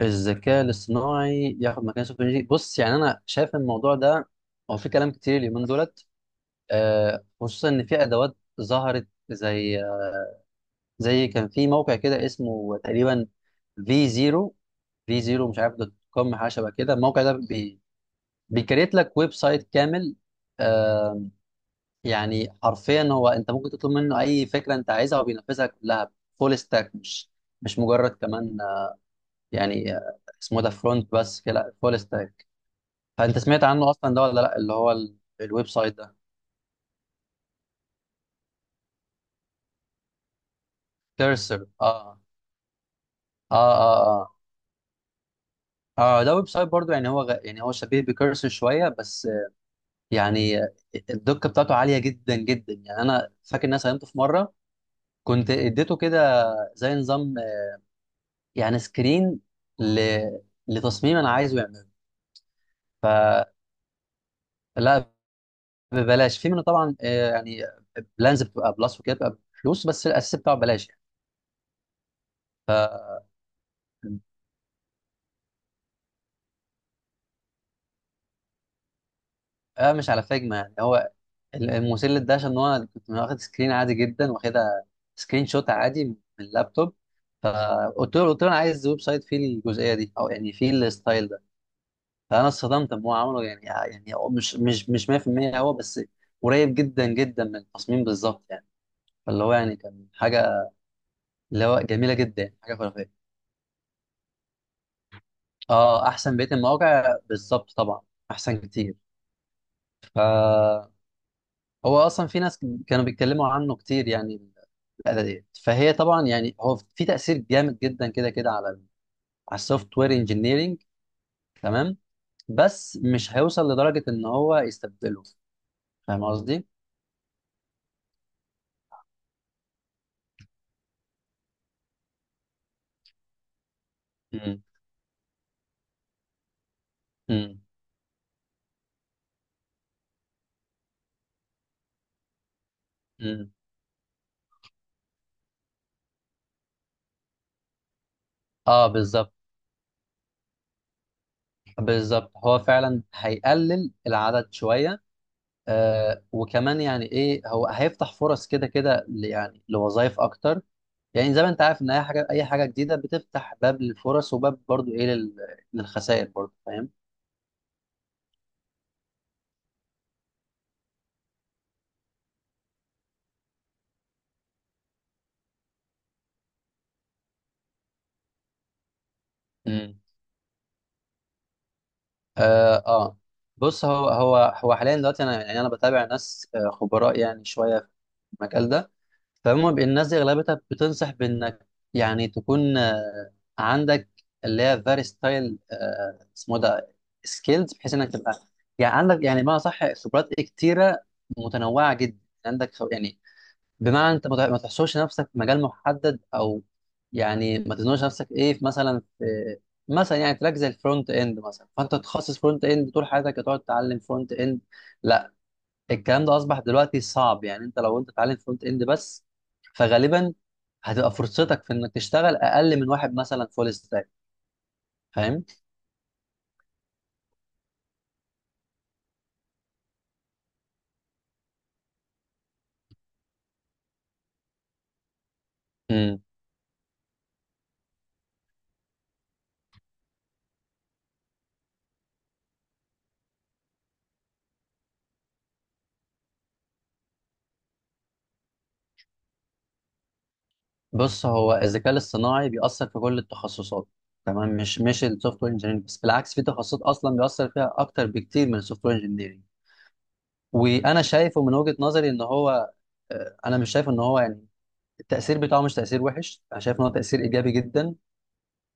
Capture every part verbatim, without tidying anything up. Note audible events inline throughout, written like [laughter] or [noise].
الذكاء الاصطناعي ياخد مكان السوفت وير engineering. بص، يعني انا شايف إن الموضوع ده هو في كلام كتير اليومين دولت، آه، خصوصا ان في ادوات ظهرت زي زي كان في موقع كده اسمه تقريبا في زيرو في زيرو مش عارف دوت كوم حاجه شبه كده. الموقع ده بي بيكريت لك ويب سايت كامل. آه، يعني حرفيا هو انت ممكن تطلب منه اي فكره انت عايزها وبينفذها كلها فول ستاك، مش مش مجرد كمان. آه، يعني آه، اسمه ده فرونت بس كده، لا فول ستاك. انت سمعت عنه اصلا ده ولا لا؟ اللي هو ال- الويب سايت ده. كيرسر، اه. اه اه اه اه ده ويب سايت برضو، يعني هو غ... يعني هو شبيه بكيرسر شويه، بس آه، يعني آه، الدقه بتاعته عاليه جدا جدا. يعني انا فاكر ان انا ساهمته في مره كنت اديته كده زي نظام، آه، يعني سكرين ل... لتصميم انا عايزه يعمله. فلا، ببلاش في منه طبعا. آه، يعني بلانز بتبقى بلس وكده بتبقى بفلوس، بس الاساس بتاعه ببلاش. يعني آه مش على فاجمة، يعني هو المسلة ده عشان هو كنت واخد سكرين عادي جدا، واخدها سكرين شوت عادي من اللابتوب. فقلت له قلت له انا عايز ويب سايت فيه الجزئيه دي، او يعني فيه الستايل ده. فانا اتصدمت ان هو عمله، يعني آه، يعني هو مش مش مش مية في المية هو، بس قريب جدا جدا من التصميم بالظبط يعني. فاللي هو يعني كان حاجه، اللي هو جميله جدا، حاجه خرافيه. اه، احسن بقيه المواقع بالظبط طبعا، احسن كتير. فهو اصلا في ناس كانوا بيتكلموا عنه كتير يعني، الآلة ديت. فهي طبعا يعني هو في تأثير جامد جدا كده كده على ال- على السوفت وير انجينيرنج، تمام، بس مش هيوصل لدرجة إن هو يستبدله. فاهم قصدي؟ مم. مم. مم. اه، بالظبط. بالظبط، هو فعلا هيقلل العدد شوية. آه وكمان يعني ايه، هو هيفتح فرص كده كده ل- يعني لوظائف اكتر. يعني زي ما انت عارف ان اي حاجه اي حاجه جديده بتفتح باب للفرص، وباب برضو ايه لل- للخسائر برضو، فاهم. اه آه. بص، هو هو هو حاليا دلوقتي، انا يعني انا بتابع ناس، آه، خبراء يعني شويه في المجال ده. فهم بي- الناس دي اغلبتها بتنصح بانك يعني تكون آه، عندك اللي هي فيري ستايل، اسمه ده سكيلز، بحيث انك تبقى يعني عندك، يعني ما صح، خبرات كتيره متنوعه جدا. عندك خب- يعني بمعنى انت ما تح- ما تحصرش نفسك في مجال محدد، او يعني ما تزنقش نفسك ايه في مثلا في مثلا يعني تراك زي الفرونت اند مثلا، فانت تتخصص فرونت اند طول حياتك هتقعد تتعلم فرونت اند. لا، الكلام ده اصبح دلوقتي صعب. يعني انت لو انت تتعلم فرونت اند بس، فغالبا هتبقى فرصتك في انك تشتغل اقل من واحد مثلا فول ستاك. فاهم. امم. بص، هو الذكاء الاصطناعي بيأثر في كل التخصصات، تمام، مش مش السوفت وير انجينيرنج بس، بالعكس في تخصصات اصلا بيأثر فيها اكتر بكتير من السوفت وير انجينيرنج. وانا شايفه من وجهة نظري ان هو، آه، انا مش شايف ان هو يعني التأثير بتاعه مش تأثير وحش، انا شايف ان هو تأثير ايجابي جدا،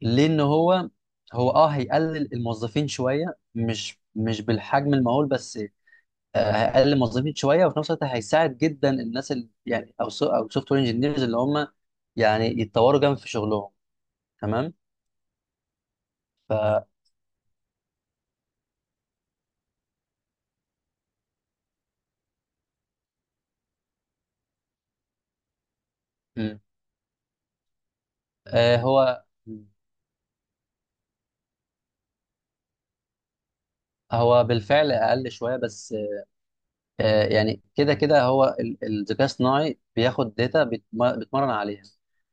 لان هو هو اه هيقلل الموظفين شوية، مش مش بالحجم المهول بس. آه، هيقلل الموظفين شوية، وفي نفس الوقت هيساعد جدا الناس اللي يعني او سو- او سوفت وير انجينيرز اللي هم يعني يتطوروا جامد في شغلهم، تمام. ف م. آه، هو هو بالفعل اقل شوية، بس آه، يعني كده كده هو ال- الذكاء الصناعي بياخد داتا بيتم- بيتمرن عليها.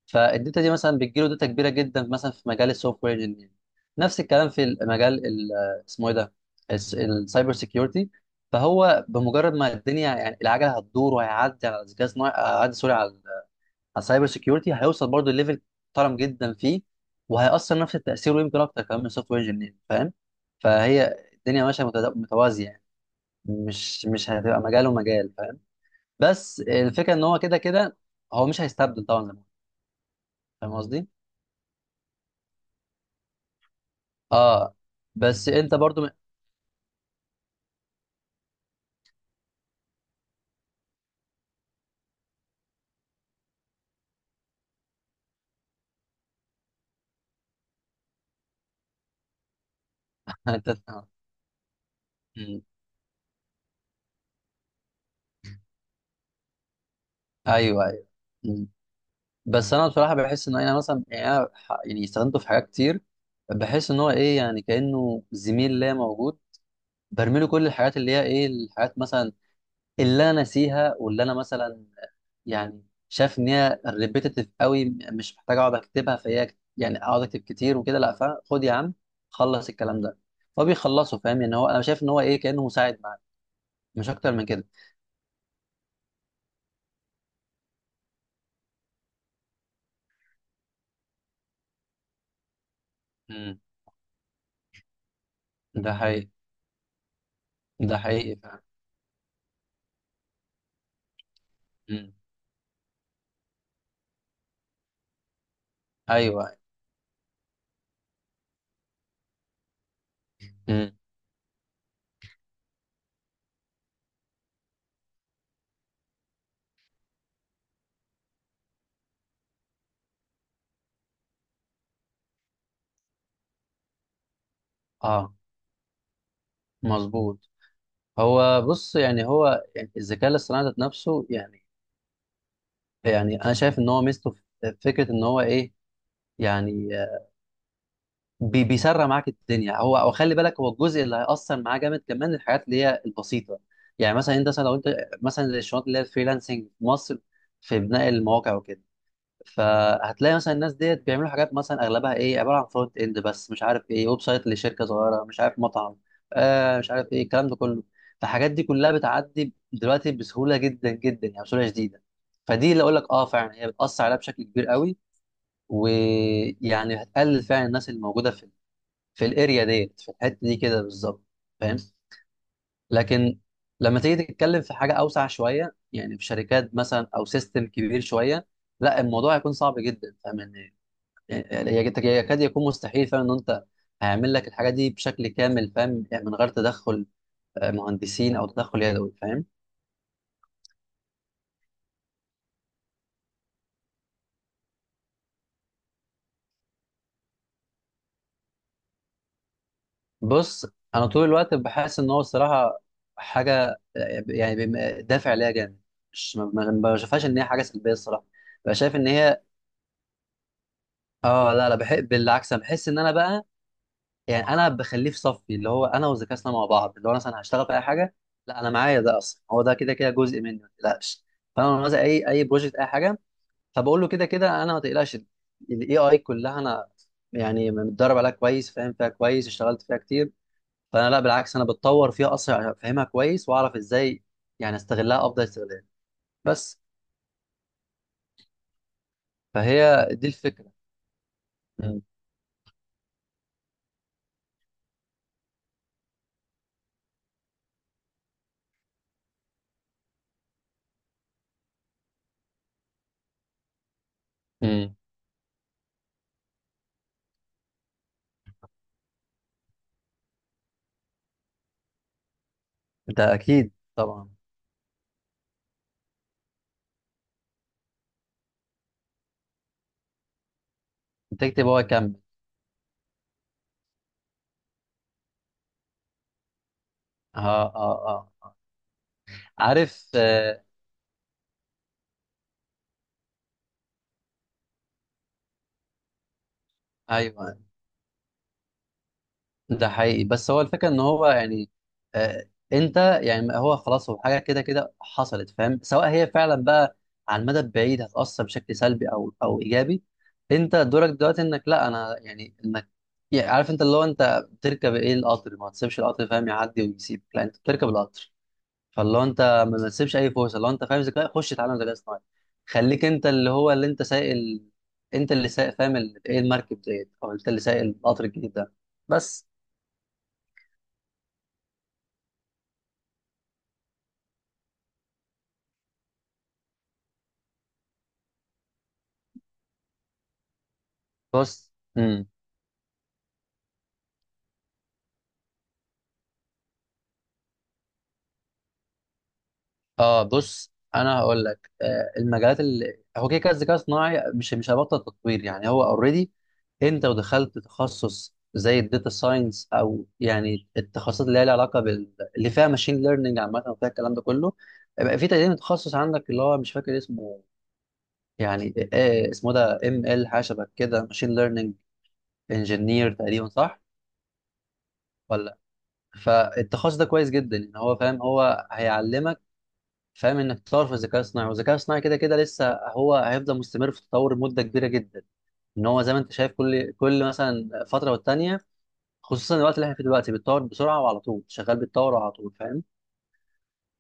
فالداتا دي مثلا بتجيله داتا كبيره جدا مثلا في مجال السوفت وير انجينير. نفس الكلام في المجال ال- اسمه ايه ده، الس- السايبر سيكيورتي. فهو بمجرد ما الدنيا يعني العجله هتدور، وهيعدي على الذكاء الصناعي، هيعدي سوري، على ال- على السايبر سيكيورتي، هيوصل برضه ليفل محترم جدا فيه، وهيأثر نفس التأثير، ويمكن اكتر كمان من السوفت وير انجينير، فاهم. فهي الدنيا ماشيه متد- متوازيه يعني. مش مش هتبقى مجال ومجال، فاهم. بس الفكره ان هو كده كده هو مش هيستبدل طبعا لمون، فاهم قصدي. اه، بس انت برضو م... [laughs] انت آه. مم. ايوه ايوه. مم. بس انا بصراحه بحس ان انا مثلا، يعني انا ح- يعني استخدمته في حاجات كتير، بحس ان هو ايه يعني كانه زميل ليا موجود، برمي له كل الحاجات اللي هي ايه، الحاجات مثلا اللي انا ناسيها، واللي انا مثلا يعني شايف ان هي ريبيتيتيف قوي، مش محتاج اقعد اكتبها، فهي كت- يعني اقعد اكتب كتير وكده، لا، فخد يا عم، خلص الكلام ده هو بيخلصه، فاهم. يعني هو انا شايف ان هو ايه، كانه مساعد معاك، مش اكتر من كده. امم. ده حقيقي. ده حقيقي فعلا. امم. ايوه. امم. اه، مظبوط. هو بص يعني هو يعني الذكاء الاصطناعي ذات نفسه، يعني يعني انا شايف ان هو ميزته في فكره ان هو ايه يعني، بي بيسرع معاك الدنيا هو، او خلي بالك، هو الجزء اللي هيأثر معاه جامد كمان الحاجات اللي هي البسيطه. يعني مثلا انت مثلا لو انت مثلا زي الشغلات اللي هي الفريلانسنج في مصر في بناء المواقع وكده، فهتلاقي مثلا الناس ديت بيعملوا حاجات مثلا اغلبها ايه، عباره عن فرونت اند بس، مش عارف ايه، ويب سايت لشركه صغيره، مش عارف مطعم، آه مش عارف ايه الكلام ده كله. فالحاجات دي كلها بتعدي دلوقتي بسهوله جدا جدا، يعني بسهوله شديده. فدي اللي اقول لك اه فعلا هي بتأثر عليها بشكل كبير قوي، ويعني هتقلل فعلا الناس اللي موجوده في في الاريا ديت، في الحته دي كده بالظبط، فاهم. لكن لما تيجي تتكلم في حاجه اوسع شويه، يعني في شركات مثلا، او سيستم كبير شويه، لا الموضوع هيكون صعب جدا، فاهم ان يعني يكاد يكون مستحيل، فاهم ان انت هيعمل لك الحاجه دي بشكل كامل، فاهم، يعني من غير تدخل آه، مهندسين، او تدخل يدوي، فاهم. بص، انا طول الوقت بحس ان هو الصراحه حاجه، آه، يعني بم- دافع ليها جامد، مش ما ما- ما بشوفهاش ان هي حاجه سلبيه الصراحه. بقى شايف ان هي اه، لا لا، بحب بالعكس، انا بحس ان انا بقى يعني انا بخليه في صفي، اللي هو انا وذكائنا مع بعض اللي هو مثلا هشتغل في اي حاجه، لا انا معايا ده اصلا، هو ده كده كده جزء مني، ما تقلقش. فانا لما مثلا اي اي بروجكت اي حاجه، فبقول له كده كده انا ما تقلقش، الاي اي كلها انا يعني متدرب عليها كويس، فاهم فيها كويس، اشتغلت فيها كتير. فانا لا، بالعكس، انا بتطور فيها اصلا عشان افهمها كويس واعرف ازاي يعني استغلها افضل استغلال، بس. فهي دي الفكره. امم. انت اكيد طبعا. انت تكتب، هو يكمل. اه اه اه آه. عارف آه. ايوه، ده حقيقي، بس هو الفكره ان هو يعني آه انت، يعني هو خلاص، هو حاجه كده كده حصلت، فاهم، سواء هي فعلا بقى على المدى البعيد هتاثر بشكل سلبي او او ايجابي. انت دورك دلوقتي انك لا، انا يعني انك، يعني عارف انت اللي هو انت بتركب ايه القطر، ما تسيبش القطر، فاهم، يعدي ويسيبك، لا انت بتركب القطر. فاللي هو انت ما ما تسيبش اي فرصه، لو انت فاهم ذكاء، خش اتعلم ذكاء اصطناعي، خليك انت اللي هو اللي انت سايق ال... انت اللي سايق، فاهم، ال- ايه، المركب ديت، او انت اللي سايق القطر الجديد ده، بس. بص. امم. اه، بص، انا هقول لك آه المجالات اللي هو كده كده الذكاء الصناعي مش مش هيبطل تطوير، يعني هو اوريدي، انت ودخلت تخصص زي الداتا ساينس، او يعني التخصصات اللي هي لها علاقه بال اللي فيها ماشين ليرنينج عامه وفيها الكلام ده كله، بقى في تقريبا تخصص عندك اللي هو مش فاكر اسمه، يعني إيه اسمه ده، ام ال، حاجه شبه كده، ماشين ليرنينج انجينير تقريبا، صح؟ ولا. فالتخصص ده كويس جدا ان هو، فاهم، هو هيعلمك فاهم انك تطور في الذكاء الصناعي، والذكاء الصناعي كده كده لسه هو هيفضل مستمر في التطور مده كبيره جدا. ان هو زي ما انت شايف كل كل مثلا فتره والتانيه، خصوصا الوقت اللي احنا فيه دلوقتي بيتطور بسرعه، وعلى طول شغال بيتطور على طول، فاهم.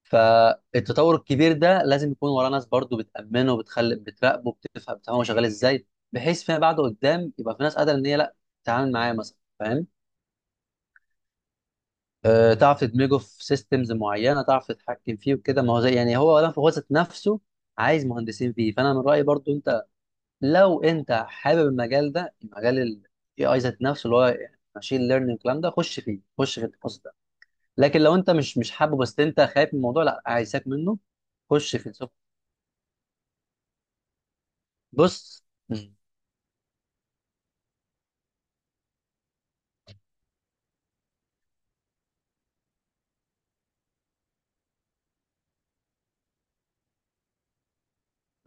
فالتطور الكبير ده لازم يكون وراه ناس برضو بتأمنه، وبتخلي بتراقبه، بتفهم بتفهم هو شغال ازاي، بحيث فيما بعد قدام يبقى في ناس قادرة ان هي لا، تتعامل معاه مثلا فاهم، أه، تعرف تدمجه في سيستمز معينة، تعرف تتحكم فيه وكده. ما هو زي يعني هو ولا هو ذات نفسه عايز مهندسين فيه. فانا من رأيي برضو انت لو انت حابب المجال ده، مجال ال إيه آي ذات نفسه اللي هو ماشين ليرنينج الكلام ده، خش فيه، خش في التخصص ده. لكن لو انت مش مش حابه، بس انت خايف من الموضوع، لا، عايزك منه، خش فيه So. بص. مم.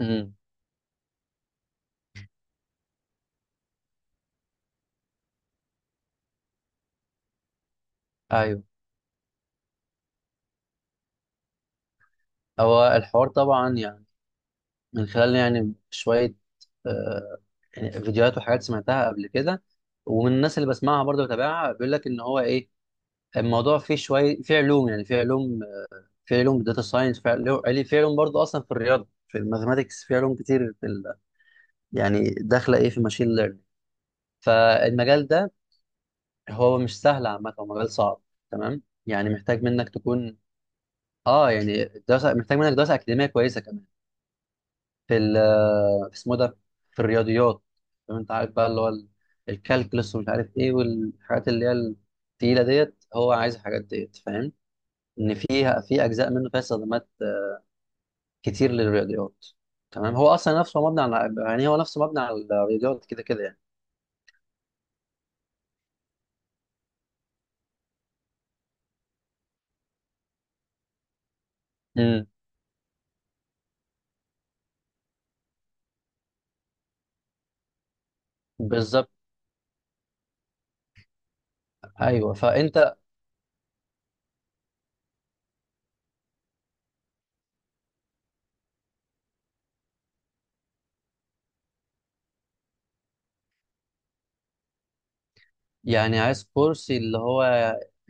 مم. ايوه، هو الحوار طبعا يعني من خلال يعني شويه آه، يعني فيديوهات وحاجات سمعتها قبل كده، ومن الناس اللي بسمعها برضه بتابعها، بيقول لك ان هو ايه، الموضوع فيه شويه فيه علوم، يعني فيه علوم، فيه علوم داتا ساينس، فيه علوم يعني فيه علوم برضه اصلا في الرياضه، في الماثماتكس، فيه علوم كتير في ال... يعني داخله ايه في ماشين ليرنينج. فالمجال ده هو مش سهل عامه، هو مجال صعب تمام، يعني محتاج منك تكون، اه يعني دراسه محتاج منك دراسه اكاديميه كويسه كمان في ال، في اسمه ده، في الرياضيات، فاهم، انت عارف بقى اللي هو ال- الكالكولس ومش عارف ايه والحاجات اللي هي التقيله ديت، هو عايز الحاجات ديت، فاهم، ان فيها، في اجزاء منه فيها استخدامات آه، كتير للرياضيات، تمام. هو اصلا نفسه مبني على، يعني هو نفسه مبني على الرياضيات كده كده يعني. امم. بالظبط. ايوه فانت يعني عايز كورس اللي هو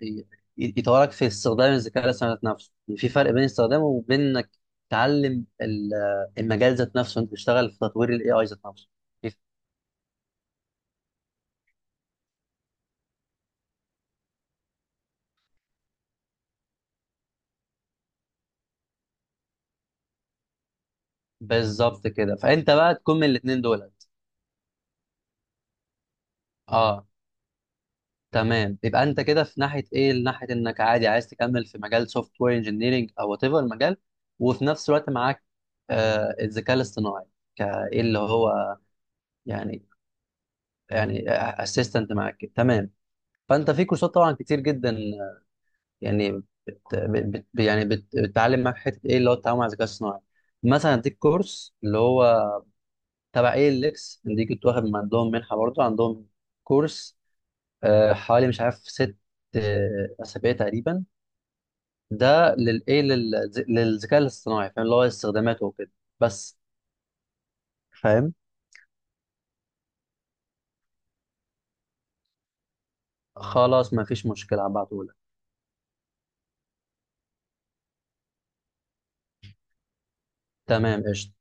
ي- يطورك في استخدام الذكاء الاصطناعي ذات نفسه. يعني في فرق بين استخدامه وبين انك تعلم ال- المجال ذات نفسه، انت تشتغل في تطوير الاي اي ذات نفسه. بالظبط كده، فانت بقى تكون من الاثنين دولت. اه، تمام، يبقى انت كده في ناحيه ايه، ناحيه انك عادي عايز تكمل في مجال سوفت وير انجينيرنج او وات ايفر المجال، وفي نفس الوقت معاك آه الذكاء الاصطناعي كايه اللي هو يعني، يعني اسيستنت معاك كده. تمام. فانت في كورسات طبعا كتير جدا يعني بت بت يعني بت بتتعلم معاك حته ايه، اللي هو التعامل مع الذكاء الصناعي. مثلا اديك كورس اللي هو تبع اي ال اكس دي، كنت واخد من عندهم منحه برضه، عندهم كورس آه، حوالي مش عارف ست آه، اسابيع تقريبا، ده للايه لل- للذكاء الاصطناعي، فاهم، اللي هو استخداماته وكده، بس، فاهم. خلاص ما فيش مشكله، هبعتهولك. تمام، قشطه.